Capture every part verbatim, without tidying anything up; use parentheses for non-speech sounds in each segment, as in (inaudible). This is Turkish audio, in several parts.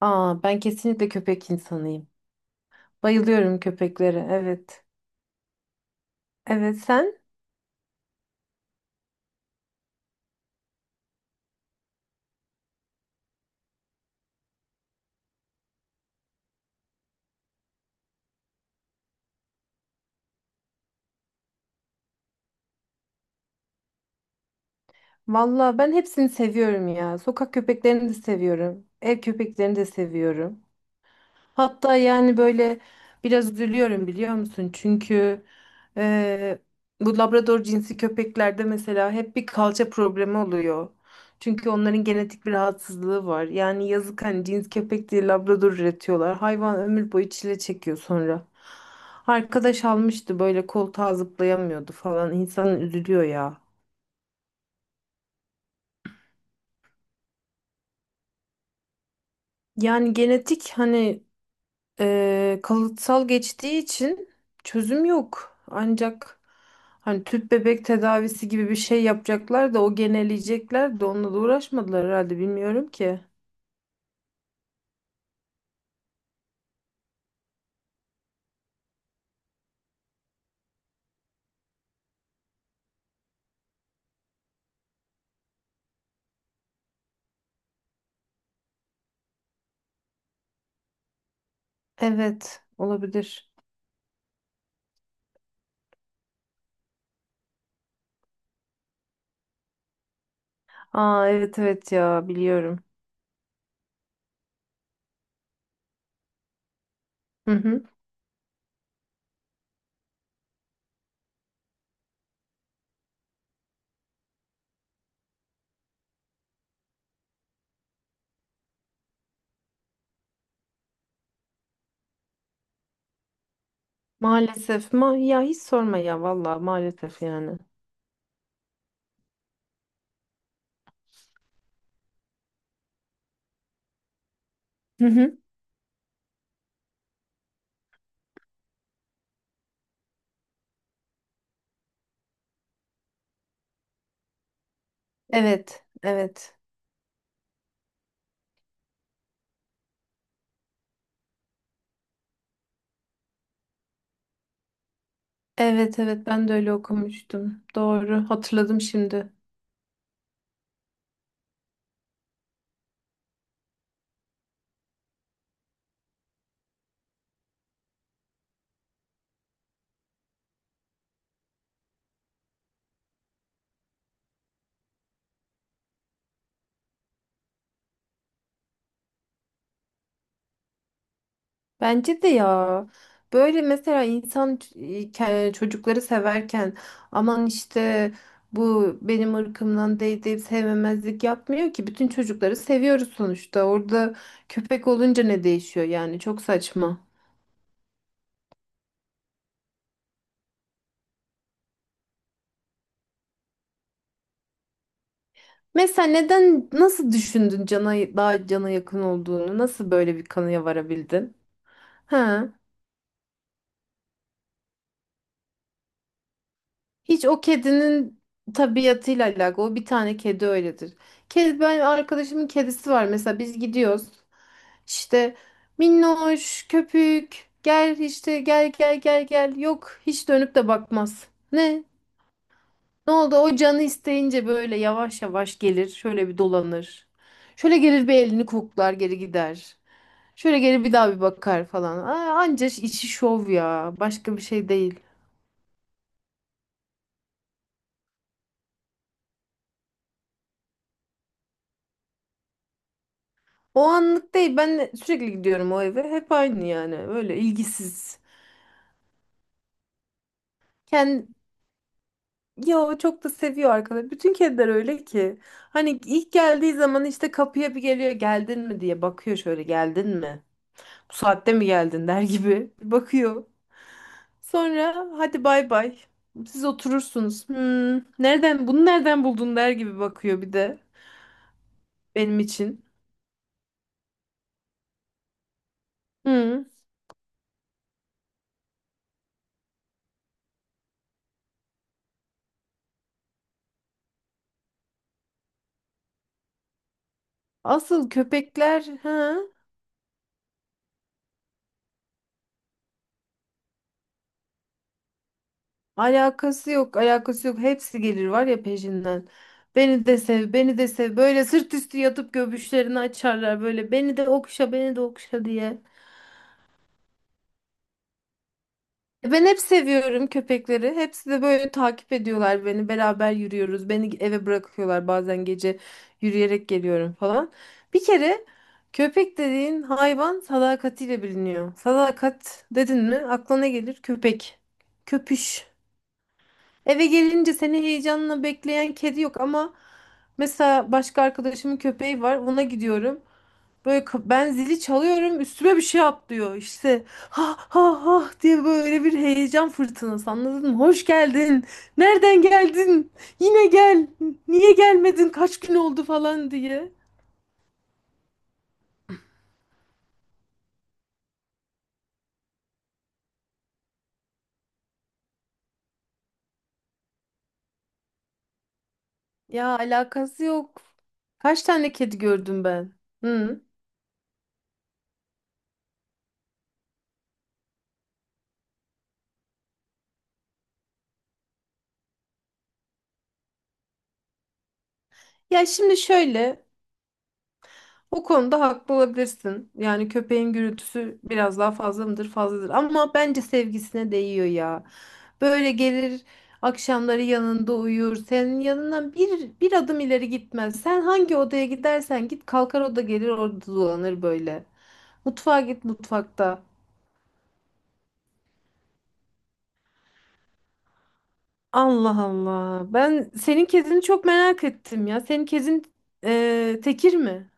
Aa, ben kesinlikle köpek insanıyım. Bayılıyorum köpeklere. Evet. Evet sen? Valla ben hepsini seviyorum ya. Sokak köpeklerini de seviyorum. Ev köpeklerini de seviyorum. Hatta yani böyle biraz üzülüyorum biliyor musun? Çünkü eee, bu Labrador cinsi köpeklerde mesela hep bir kalça problemi oluyor. Çünkü onların genetik bir rahatsızlığı var. Yani yazık hani cins köpek diye Labrador üretiyorlar. Hayvan ömür boyu çile çekiyor sonra. Arkadaş almıştı böyle koltuğa zıplayamıyordu falan. İnsan üzülüyor ya. Yani genetik hani Eee, kalıtsal geçtiği için çözüm yok. Ancak hani tüp bebek tedavisi gibi bir şey yapacaklar da o geneleyecekler de onunla da uğraşmadılar herhalde bilmiyorum ki. Evet, olabilir. Aa evet evet ya biliyorum. Hı hı. Maalesef ma ya hiç sorma ya vallahi maalesef yani. Hı hı. Evet, evet. Evet evet ben de öyle okumuştum. Doğru hatırladım şimdi. Bence de ya. Böyle mesela insan ç- e, ke- çocukları severken aman işte bu benim ırkımdan değil deyip sevmemezlik yapmıyor ki. Bütün çocukları seviyoruz sonuçta. Orada köpek olunca ne değişiyor yani çok saçma. Mesela neden nasıl düşündün cana daha cana yakın olduğunu? Nasıl böyle bir kanıya varabildin? He. Hiç o kedinin tabiatıyla alakalı. O bir tane kedi öyledir. Kedi, ben arkadaşımın kedisi var mesela biz gidiyoruz. İşte minnoş, köpük, gel işte gel gel gel gel. Yok hiç dönüp de bakmaz. Ne? Ne oldu? O canı isteyince böyle yavaş yavaş gelir. Şöyle bir dolanır. Şöyle gelir bir elini koklar geri gider. Şöyle geri bir daha bir bakar falan. Aa, anca işi şov ya. Başka bir şey değil. O anlık değil. Ben de sürekli gidiyorum o eve. Hep aynı yani. Böyle ilgisiz. Kendi ya o çok da seviyor arkadaş. Bütün kediler öyle ki. Hani ilk geldiği zaman işte kapıya bir geliyor. Geldin mi diye bakıyor şöyle. Geldin mi? Bu saatte mi geldin (laughs) der gibi. Bir bakıyor. Sonra hadi bay bay. Siz oturursunuz. Hmm, nereden bunu nereden buldun der gibi bakıyor bir de benim için. Hmm. Asıl köpekler ha. Alakası yok, alakası yok. Hepsi gelir var ya peşinden. Beni de sev, beni de sev. Böyle sırt üstü yatıp göbüşlerini açarlar böyle. Beni de okşa, beni de okşa diye. E Ben hep seviyorum köpekleri. Hepsi de böyle takip ediyorlar beni. Beraber yürüyoruz. Beni eve bırakıyorlar bazen gece yürüyerek geliyorum falan. Bir kere köpek dediğin hayvan sadakatiyle biliniyor. Sadakat dedin mi aklına gelir köpek. Köpüş. Eve gelince seni heyecanla bekleyen kedi yok ama mesela başka arkadaşımın köpeği var ona gidiyorum. Böyle ka- ben zili çalıyorum üstüme bir şey atlıyor işte ha ha ha diye böyle bir heyecan fırtınası anladın mı? Hoş geldin nereden geldin yine gel niye gelmedin kaç gün oldu falan diye. Ya alakası yok. Kaç tane kedi gördüm ben? Hı. Ya şimdi şöyle O konuda haklı olabilirsin. Yani köpeğin gürültüsü biraz daha fazla mıdır? Fazladır. Ama bence sevgisine değiyor ya. Böyle gelir akşamları yanında uyur. Senin yanından bir, bir adım ileri gitmez. Sen hangi odaya gidersen git kalkar o da gelir orada dolanır böyle. Mutfağa git mutfakta. Allah Allah. Ben senin kedini çok merak ettim ya. Senin kedin eee, tekir mi?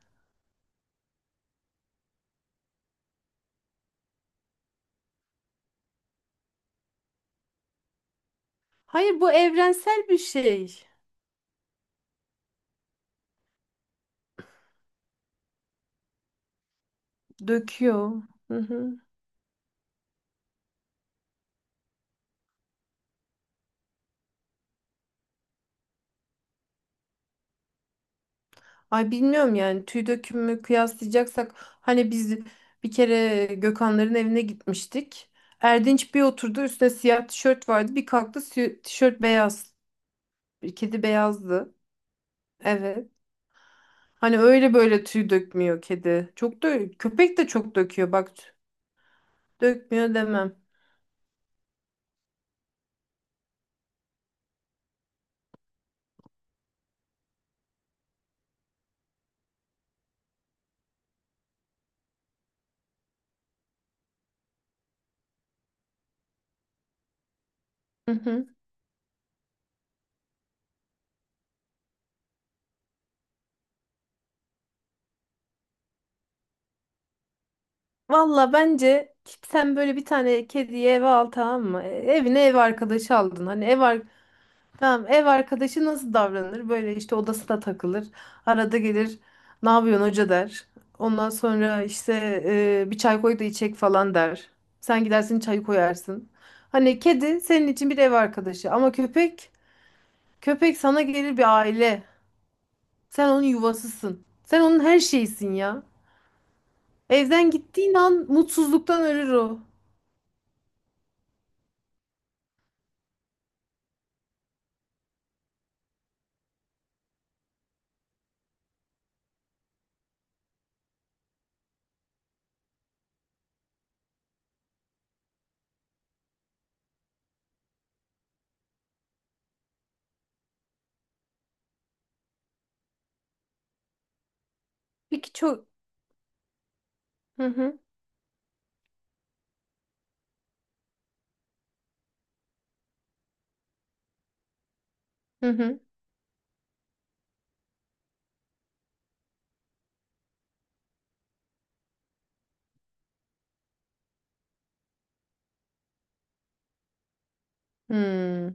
Hayır bu evrensel bir şey. Döküyor. Hı hı. Ay bilmiyorum yani tüy dökümü kıyaslayacaksak hani biz bir kere Gökhanların evine gitmiştik. Erdinç bir oturdu üstüne siyah tişört vardı bir kalktı si- tişört beyaz. Kedi beyazdı. Evet. Hani öyle böyle tüy dökmüyor kedi. Çok da köpek de çok döküyor bak dökmüyor demem. Hı hı. Valla bence sen böyle bir tane kediyi eve al tamam mı? E, Evine ev arkadaşı aldın. Hani ev ar- Tamam ev arkadaşı nasıl davranır? Böyle işte odasına takılır. Arada gelir ne yapıyorsun hoca der. Ondan sonra işte e, bir çay koy da içek falan der. Sen gidersin çayı koyarsın. Hani kedi senin için bir ev arkadaşı ama köpek köpek sana gelir bir aile. Sen onun yuvasısın. Sen onun her şeysin ya. Evden gittiğin an mutsuzluktan ölür o. Peki çok... Hı hı hı hı. Hmm.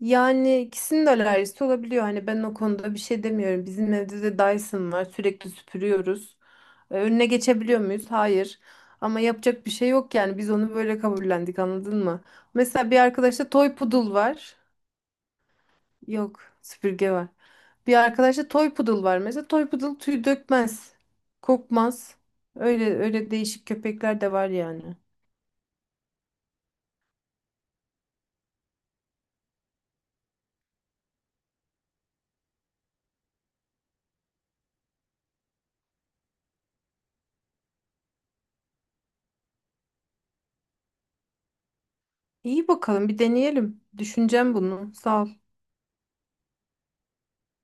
Yani ikisinin de alerjisi olabiliyor. Hani ben o konuda bir şey demiyorum. Bizim evde de Dyson var. Sürekli süpürüyoruz. Ee, Önüne geçebiliyor muyuz? Hayır. Ama yapacak bir şey yok yani. Biz onu böyle kabullendik, anladın mı? Mesela bir arkadaşta toy poodle var. Yok, süpürge var. Bir arkadaşta toy poodle var. Mesela toy poodle tüy dökmez, kokmaz. Öyle öyle değişik köpekler de var yani. İyi bakalım, bir deneyelim. Düşüneceğim bunu. Sağ ol.